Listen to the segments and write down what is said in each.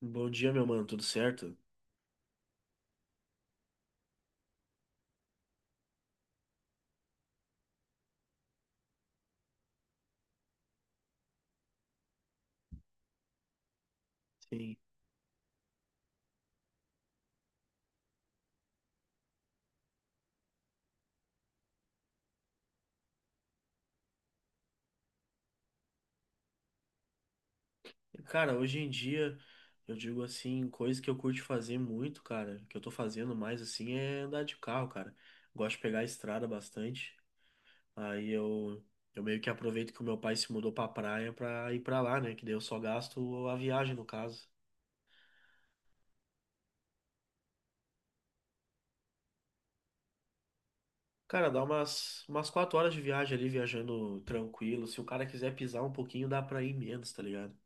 Bom dia, meu mano, tudo certo? Sim. Cara, hoje em dia, eu digo assim, coisa que eu curto fazer muito, cara, que eu tô fazendo mais assim é andar de carro, cara. Gosto de pegar a estrada bastante. Aí eu meio que aproveito que o meu pai se mudou pra praia pra ir pra lá, né? Que daí eu só gasto a viagem, no caso. Cara, dá umas 4 horas de viagem ali, viajando tranquilo. Se o cara quiser pisar um pouquinho, dá pra ir menos, tá ligado?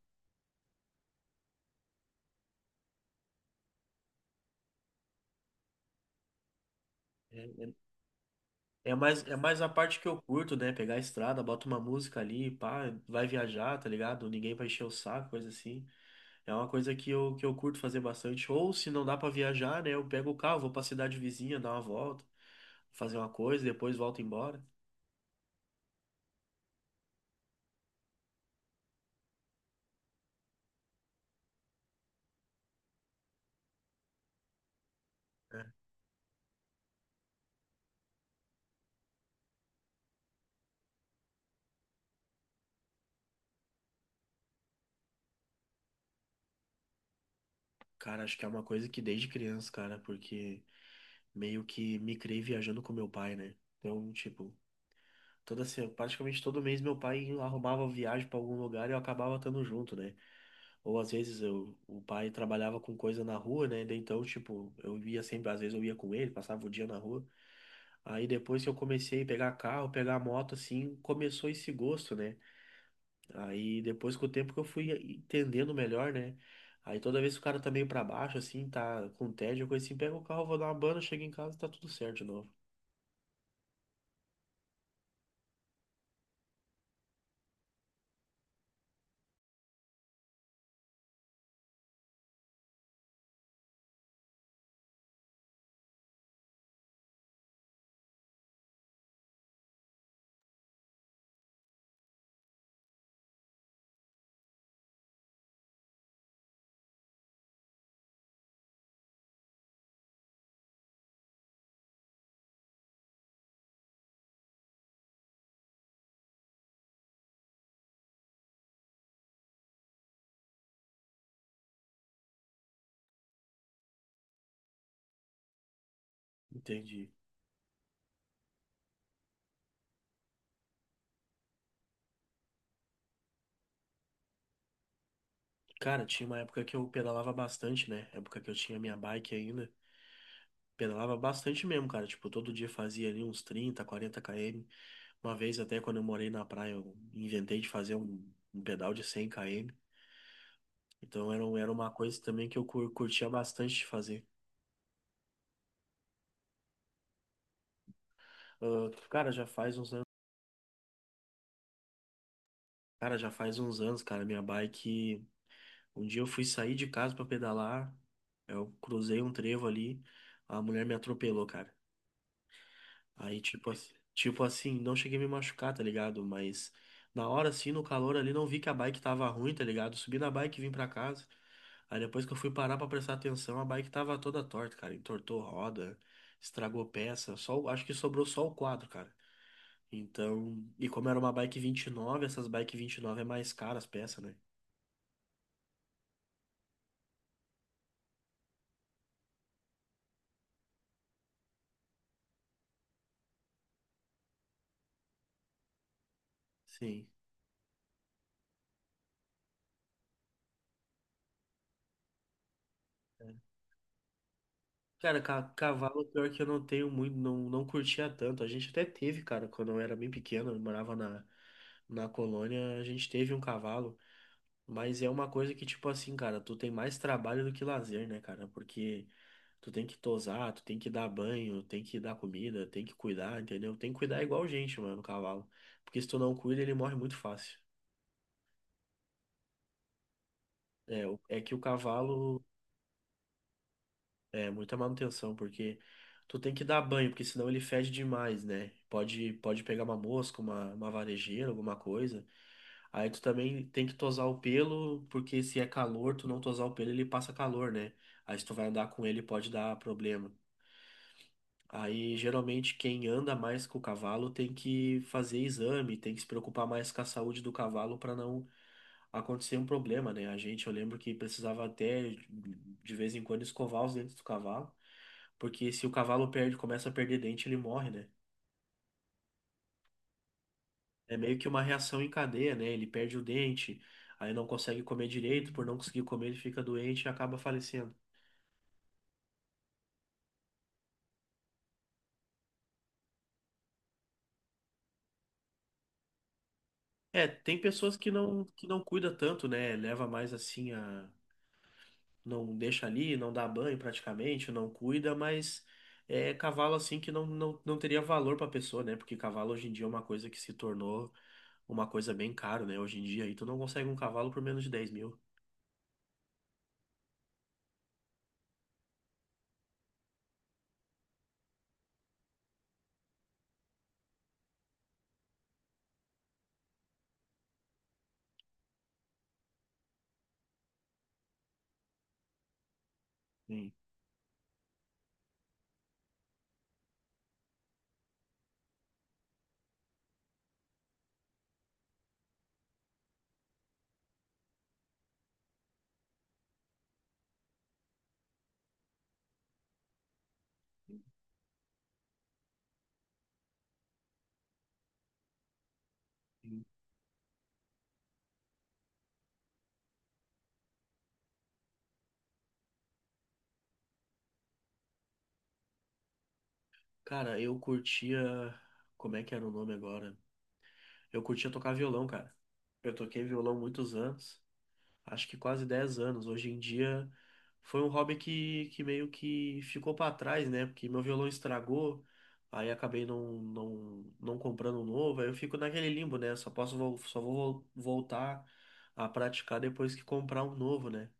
É, é mais a parte que eu curto, né? Pegar a estrada, bota uma música ali, pá, vai viajar, tá ligado? Ninguém vai encher o saco, coisa assim. É uma coisa que eu curto fazer bastante. Ou se não dá pra viajar, né? Eu pego o carro, vou pra cidade vizinha, dar uma volta, fazer uma coisa, depois volto embora. É. Cara, acho que é uma coisa que desde criança, cara, porque meio que me criei viajando com meu pai, né? Então, tipo, Toda se- praticamente todo mês meu pai arrumava viagem para algum lugar e eu acabava estando junto, né? Ou às vezes o pai trabalhava com coisa na rua, né? Daí então, tipo, eu ia sempre, às vezes eu ia com ele, passava o dia na rua. Aí depois que eu comecei a pegar carro, pegar moto, assim, começou esse gosto, né? Aí depois com o tempo que eu fui entendendo melhor, né? Aí toda vez que o cara tá meio pra baixo, assim, tá com tédio, coisa assim, pega o carro, vou dar uma banda, chego em casa, tá tudo certo de novo. Entendi. Cara, tinha uma época que eu pedalava bastante, né? Época que eu tinha minha bike ainda. Pedalava bastante mesmo, cara. Tipo, todo dia fazia ali uns 30, 40 km. Uma vez até quando eu morei na praia, eu inventei de fazer um pedal de 100 km. Então era, era uma coisa também que eu curtia bastante de fazer. Ah, cara, já faz uns anos. Cara, já faz uns anos, cara. Minha bike. Um dia eu fui sair de casa pra pedalar. Eu cruzei um trevo ali. A mulher me atropelou, cara. Aí, tipo, tipo assim, não cheguei a me machucar, tá ligado? Mas na hora, assim, no calor ali, não vi que a bike tava ruim, tá ligado? Subi na bike e vim pra casa. Aí depois que eu fui parar pra prestar atenção, a bike tava toda torta, cara. Entortou roda, estragou peça. Só, acho que sobrou só o quadro, cara. Então, e como era uma bike 29, essas bike 29 é mais caras as peças, né? Sim. Cara, cavalo, pior que eu não tenho muito, não curtia tanto. A gente até teve, cara, quando eu era bem pequeno, eu morava na, na colônia, a gente teve um cavalo. Mas é uma coisa que, tipo assim, cara, tu tem mais trabalho do que lazer, né, cara? Porque tu tem que tosar, tu tem que dar banho, tem que dar comida, tem que cuidar, entendeu? Tem que cuidar igual gente, mano, o cavalo. Porque se tu não cuida, ele morre muito fácil. É, é que o cavalo. É, muita manutenção, porque tu tem que dar banho, porque senão ele fede demais, né? Pode pegar uma mosca, uma varejeira, alguma coisa. Aí tu também tem que tosar o pelo, porque se é calor, tu não tosar o pelo, ele passa calor, né? Aí se tu vai andar com ele, pode dar problema. Aí geralmente quem anda mais com o cavalo tem que fazer exame, tem que se preocupar mais com a saúde do cavalo para não acontecia um problema, né? Eu lembro que precisava até de vez em quando escovar os dentes do cavalo, porque se o cavalo perde, começa a perder dente, ele morre, né? É meio que uma reação em cadeia, né? Ele perde o dente, aí não consegue comer direito, por não conseguir comer, ele fica doente e acaba falecendo. É, tem pessoas que não cuida tanto, né? Leva mais assim a não deixa ali, não dá banho praticamente, não cuida, mas é cavalo assim que não teria valor pra pessoa, né? Porque cavalo hoje em dia é uma coisa que se tornou uma coisa bem cara, né? Hoje em dia aí tu não consegue um cavalo por menos de 10 mil. Sim, sim. Cara, eu curtia. Como é que era o nome agora? Eu curtia tocar violão, cara. Eu toquei violão muitos anos, acho que quase 10 anos. Hoje em dia foi um hobby que meio que ficou pra trás, né? Porque meu violão estragou, aí acabei não comprando um novo, aí eu fico naquele limbo, né? Só vou voltar a praticar depois que comprar um novo, né?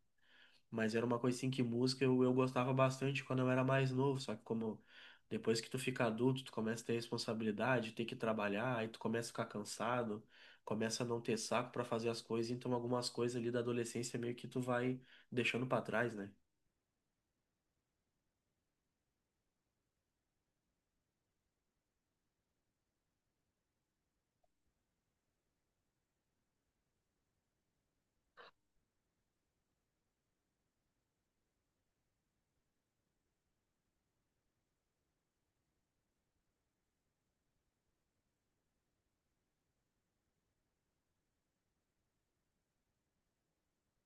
Mas era uma coisa assim que música eu gostava bastante quando eu era mais novo, só que como depois que tu fica adulto, tu começa a ter responsabilidade, ter que trabalhar, aí tu começa a ficar cansado, começa a não ter saco pra fazer as coisas, então algumas coisas ali da adolescência meio que tu vai deixando pra trás, né?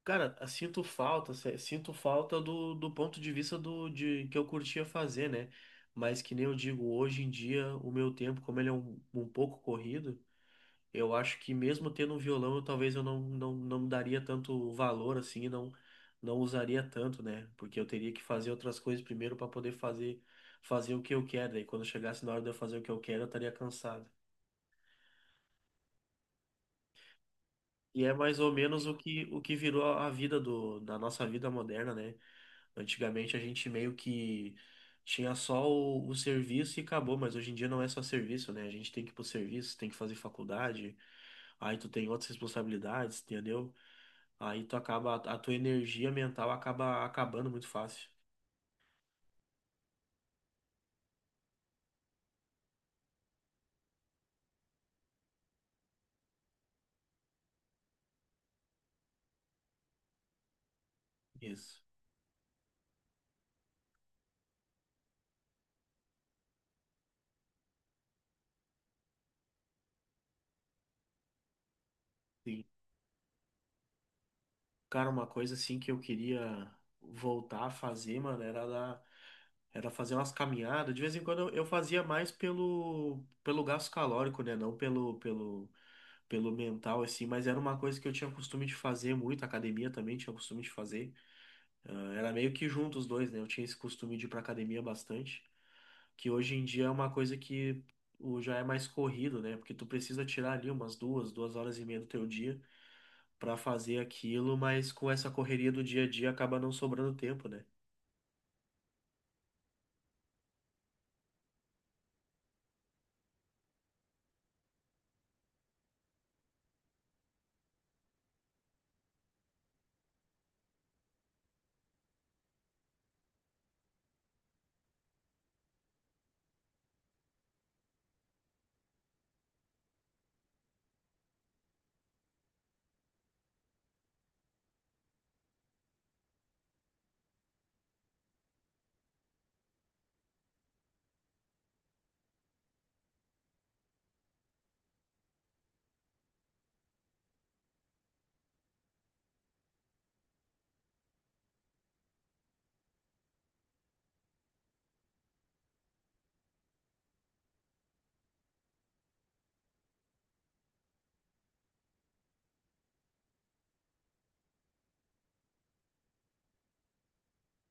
Cara, eu sinto falta, sinto falta do ponto de vista do de que eu curtia fazer, né? Mas que nem eu digo, hoje em dia, o meu tempo, como ele é um pouco corrido, eu acho que mesmo tendo um violão, eu talvez eu não daria tanto valor assim, não usaria tanto, né? Porque eu teria que fazer outras coisas primeiro para poder fazer o que eu quero. E quando chegasse na hora de eu fazer o que eu quero, eu estaria cansado. E é mais ou menos o que virou a vida do da nossa vida moderna, né? Antigamente a gente meio que tinha só o serviço e acabou, mas hoje em dia não é só serviço, né? A gente tem que ir pro serviço, tem que fazer faculdade, aí tu tem outras responsabilidades, entendeu? Aí tu acaba, a tua energia mental acaba acabando muito fácil. Isso. Sim. Cara, uma coisa assim que eu queria voltar a fazer, mano, era fazer umas caminhadas. De vez em quando eu fazia mais pelo gasto calórico, né? Não pelo mental assim, mas era uma coisa que eu tinha costume de fazer muito, academia também tinha costume de fazer. Ah, era meio que junto os dois, né? Eu tinha esse costume de ir pra academia bastante. Que hoje em dia é uma coisa que já é mais corrido, né? Porque tu precisa tirar ali umas 2 horas e meia do teu dia pra fazer aquilo, mas com essa correria do dia a dia acaba não sobrando tempo, né?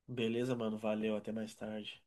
Beleza, mano, valeu, até mais tarde.